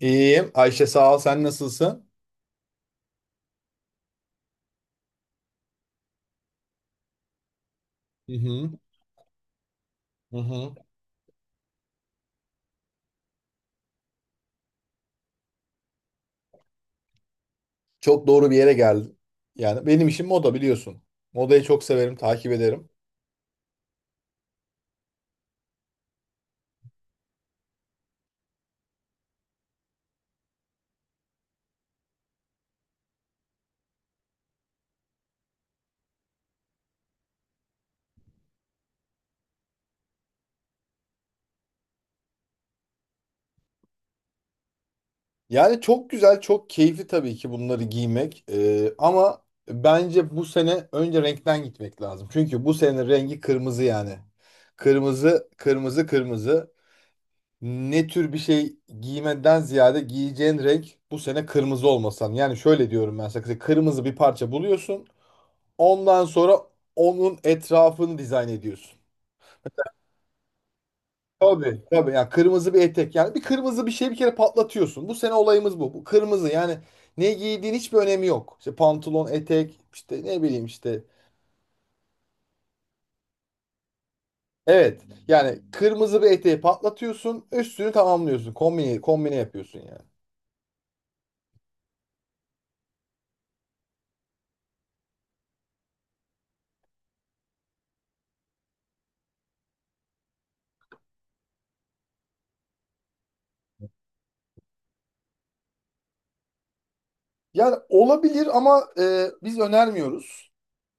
İyiyim. Ayşe sağ ol. Sen nasılsın? Hı hı, hı hı. Çok doğru bir yere geldin. Yani benim işim moda biliyorsun. Modayı çok severim, takip ederim. Yani çok güzel, çok keyifli tabii ki bunları giymek. Ama bence bu sene önce renkten gitmek lazım. Çünkü bu sene rengi kırmızı yani. Kırmızı, kırmızı, kırmızı. Ne tür bir şey giymeden ziyade giyeceğin renk bu sene kırmızı olmasan. Yani şöyle diyorum ben sana. Kırmızı bir parça buluyorsun. Ondan sonra onun etrafını dizayn ediyorsun. Tabii, tabii. Yani kırmızı bir etek. Yani bir kırmızı bir şey bir kere patlatıyorsun. Bu sene olayımız bu. Bu kırmızı yani ne giydiğin hiçbir önemi yok. İşte pantolon, etek, işte ne bileyim işte. Evet. Yani kırmızı bir eteği patlatıyorsun. Üstünü tamamlıyorsun. Kombine, kombine yapıyorsun yani. Yani olabilir ama biz önermiyoruz.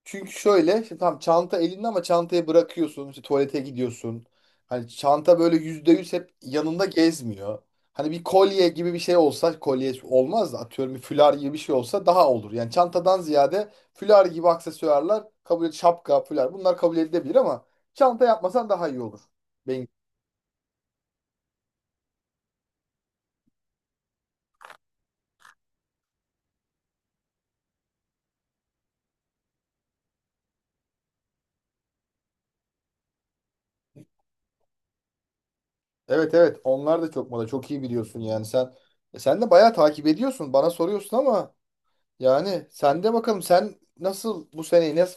Çünkü şöyle işte tam çanta elinde ama çantayı bırakıyorsun, işte tuvalete gidiyorsun. Hani çanta böyle yüzde yüz hep yanında gezmiyor. Hani bir kolye gibi bir şey olsa, kolye olmaz da atıyorum bir fular gibi bir şey olsa daha olur. Yani çantadan ziyade fular gibi aksesuarlar, kabul et, şapka, fular, bunlar kabul edilebilir ama çanta yapmasan daha iyi olur. Ben, evet, evet, onlar da çok moda, çok iyi biliyorsun yani sen. Sen de bayağı takip ediyorsun, bana soruyorsun ama yani sen de bakalım, sen nasıl bu seneyi nasıl...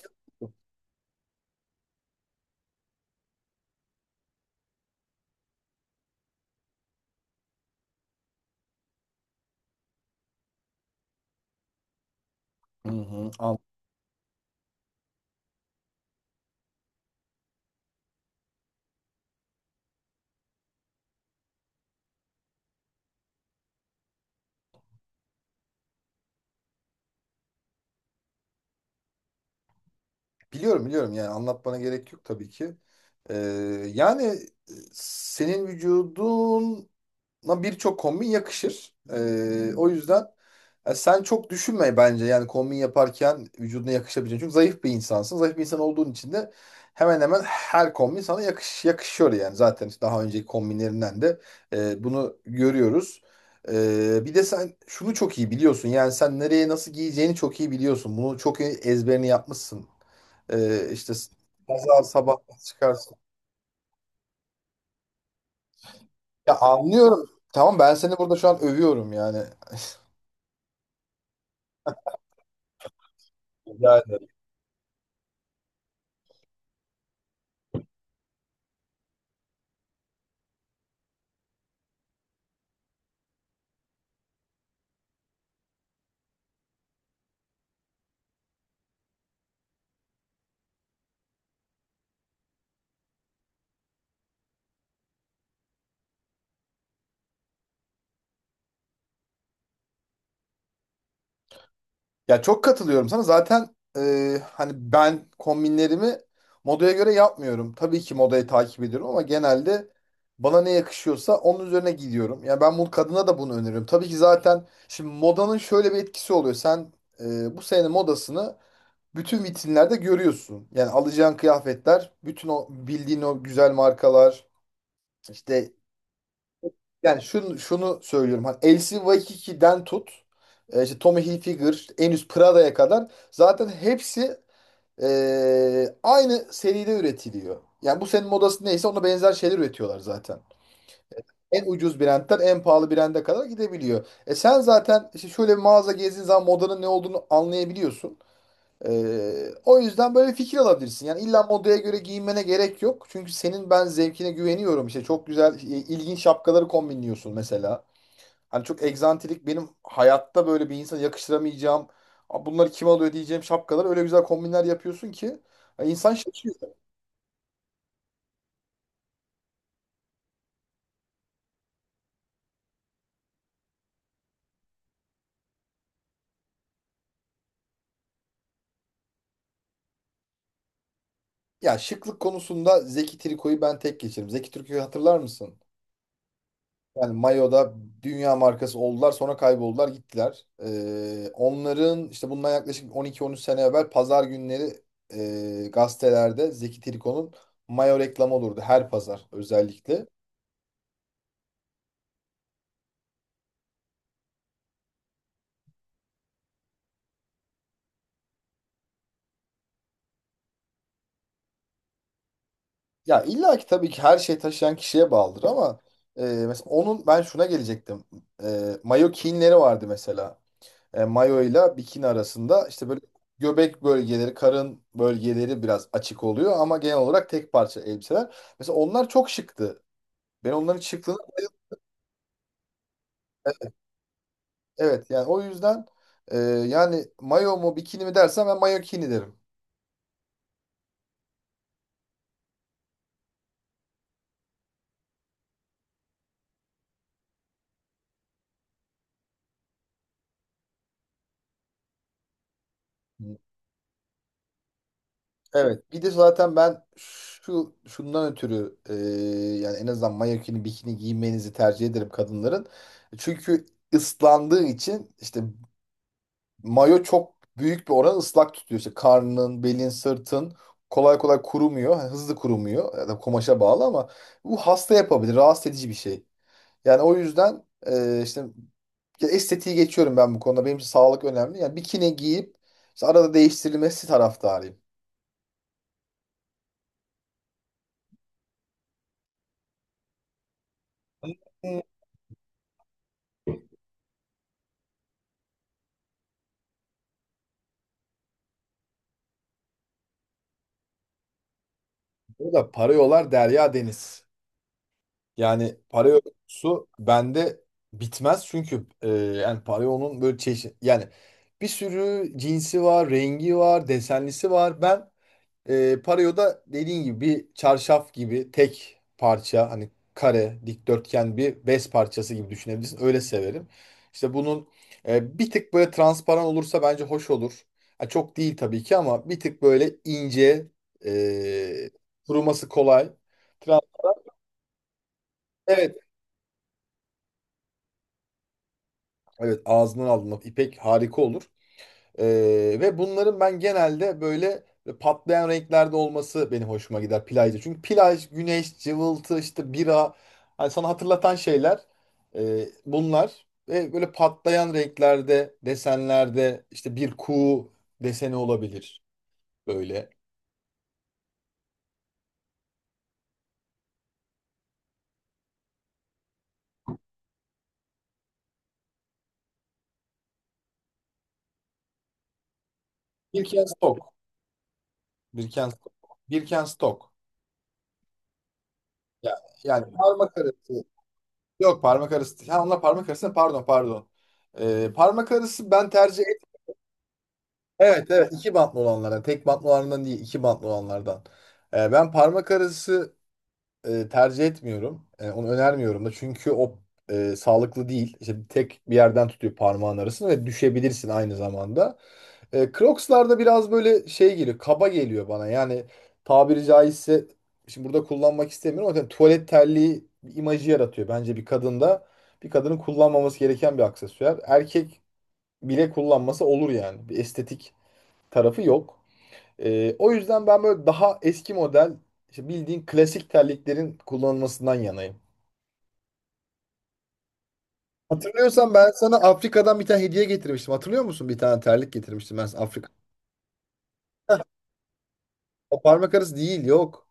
Hı hı. Biliyorum, biliyorum, yani anlatmana gerek yok tabii ki. Ee, yani senin vücuduna birçok kombin yakışır. O yüzden sen çok düşünme bence yani kombin yaparken vücuduna yakışabileceğini. Çünkü zayıf bir insansın. Zayıf bir insan olduğun için de hemen hemen her kombin sana yakışıyor yani. Zaten işte daha önceki kombinlerinden de bunu görüyoruz. Bir de sen şunu çok iyi biliyorsun. Yani sen nereye nasıl giyeceğini çok iyi biliyorsun. Bunu çok iyi ezberini yapmışsın. İşte pazar sabah çıkarsın. Ya anlıyorum. Tamam, ben seni burada şu an övüyorum yani. Rica ederim. Ya çok katılıyorum sana. Zaten hani ben kombinlerimi modaya göre yapmıyorum. Tabii ki modayı takip ediyorum ama genelde bana ne yakışıyorsa onun üzerine gidiyorum. Yani ben bunu kadına da bunu öneriyorum. Tabii ki zaten şimdi modanın şöyle bir etkisi oluyor. Sen bu senenin modasını bütün vitrinlerde görüyorsun. Yani alacağın kıyafetler, bütün o bildiğin o güzel markalar, işte... Yani şunu söylüyorum. Hani Elsi Waikiki'den tut, işte Tommy Hilfiger, işte en üst Prada'ya kadar zaten hepsi aynı seride üretiliyor. Yani bu senin modası neyse ona benzer şeyler üretiyorlar zaten. En ucuz brandten en pahalı brande kadar gidebiliyor. Sen zaten işte şöyle bir mağaza gezdiğin zaman modanın ne olduğunu anlayabiliyorsun. E, o yüzden böyle fikir alabilirsin. Yani illa modaya göre giyinmene gerek yok. Çünkü senin ben zevkine güveniyorum. İşte çok güzel, ilginç şapkaları kombinliyorsun mesela. Hani çok egzantrik, benim hayatta böyle bir insana yakıştıramayacağım. "Aa, bunları kim alıyor?" diyeceğim şapkalar. Öyle güzel kombinler yapıyorsun ki ya, insan şaşıyor. Ya, şıklık konusunda Zeki Triko'yu ben tek geçerim. Zeki Triko'yu hatırlar mısın? Yani mayoda dünya markası oldular, sonra kayboldular gittiler. Onların işte bundan yaklaşık 12-13 sene evvel pazar günleri gazetelerde Zeki Triko'nun mayo reklamı olurdu, her pazar özellikle. Ya illa ki tabii ki her şey taşıyan kişiye bağlıdır ama mesela onun ben şuna gelecektim. Mayo kinleri vardı mesela. Mayo ile bikini arasında işte böyle göbek bölgeleri, karın bölgeleri biraz açık oluyor ama genel olarak tek parça elbiseler. Mesela onlar çok şıktı. Ben onların şıklığını... Evet, yani o yüzden yani mayo mu bikini mi dersen ben mayo kini derim. Evet. Bir de zaten ben şundan ötürü, yani en azından mayokini bikini giymenizi tercih ederim kadınların. Çünkü ıslandığı için işte mayo çok büyük bir oran ıslak tutuyor. İşte karnın, belin, sırtın kolay kolay kurumuyor. Yani hızlı kurumuyor. Ya da kumaşa bağlı ama bu hasta yapabilir. Rahatsız edici bir şey. Yani o yüzden işte ya estetiği geçiyorum ben bu konuda. Benim için sağlık önemli. Yani bikini giyip işte arada değiştirilmesi taraftarıyım. Burada para yolar derya deniz. Yani para yolcusu bende bitmez, çünkü yani para yolunun böyle çeşit, yani bir sürü cinsi var, rengi var, desenlisi var. Ben pareo da dediğin gibi bir çarşaf gibi tek parça, hani kare, dikdörtgen bir bez parçası gibi düşünebilirsin. Öyle severim. İşte bunun bir tık böyle transparan olursa bence hoş olur. Ha, çok değil tabii ki, ama bir tık böyle ince, e, kuruması kolay. Transparan. Evet, evet, ağzından aldığında ipek harika olur. Ee, ve bunların ben genelde böyle patlayan renklerde olması benim hoşuma gider plajda. Çünkü plaj, güneş, cıvıltı, işte bira, hani sana hatırlatan şeyler bunlar. Ve böyle patlayan renklerde, desenlerde, işte bir kuğu deseni olabilir böyle. Birkenstock. Birkenstock. Birkenstock. Yani, yani, parmak arası. Yok, parmak arası. Ha, onlar parmak arası. Pardon, pardon. Parmak arası ben tercih... Evet, evet, iki bantlı olanlardan. Yani tek bantlı olanlardan değil, iki bantlı olanlardan. Ben parmak arası tercih etmiyorum. Onu önermiyorum da, çünkü o sağlıklı değil. İşte tek bir yerden tutuyor parmağın arasını ve düşebilirsin aynı zamanda. Crocs'larda biraz böyle şey geliyor, kaba geliyor bana, yani tabiri caizse şimdi burada kullanmak istemiyorum ama yani tuvalet terliği bir imajı yaratıyor bence bir kadında. Bir kadının kullanmaması gereken bir aksesuar. Erkek bile kullanması olur yani. Bir estetik tarafı yok. O yüzden ben böyle daha eski model, işte bildiğin klasik terliklerin kullanılmasından yanayım. Hatırlıyorsan ben sana Afrika'dan bir tane hediye getirmiştim. Hatırlıyor musun? Bir tane terlik getirmiştim ben sana Afrika. O parmak arası değil, yok.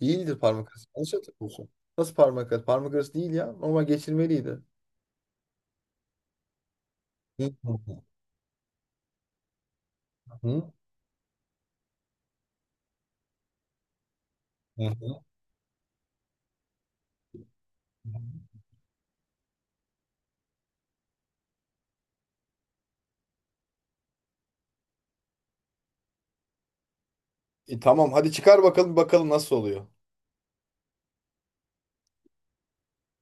Değildir parmak arası. Yanlış hatırlıyorsun. Nasıl parmak arası? Parmak arası değil ya. Normal geçirmeliydi. Hı hı, hı. Hı hı. Tamam hadi çıkar bakalım, bakalım nasıl oluyor.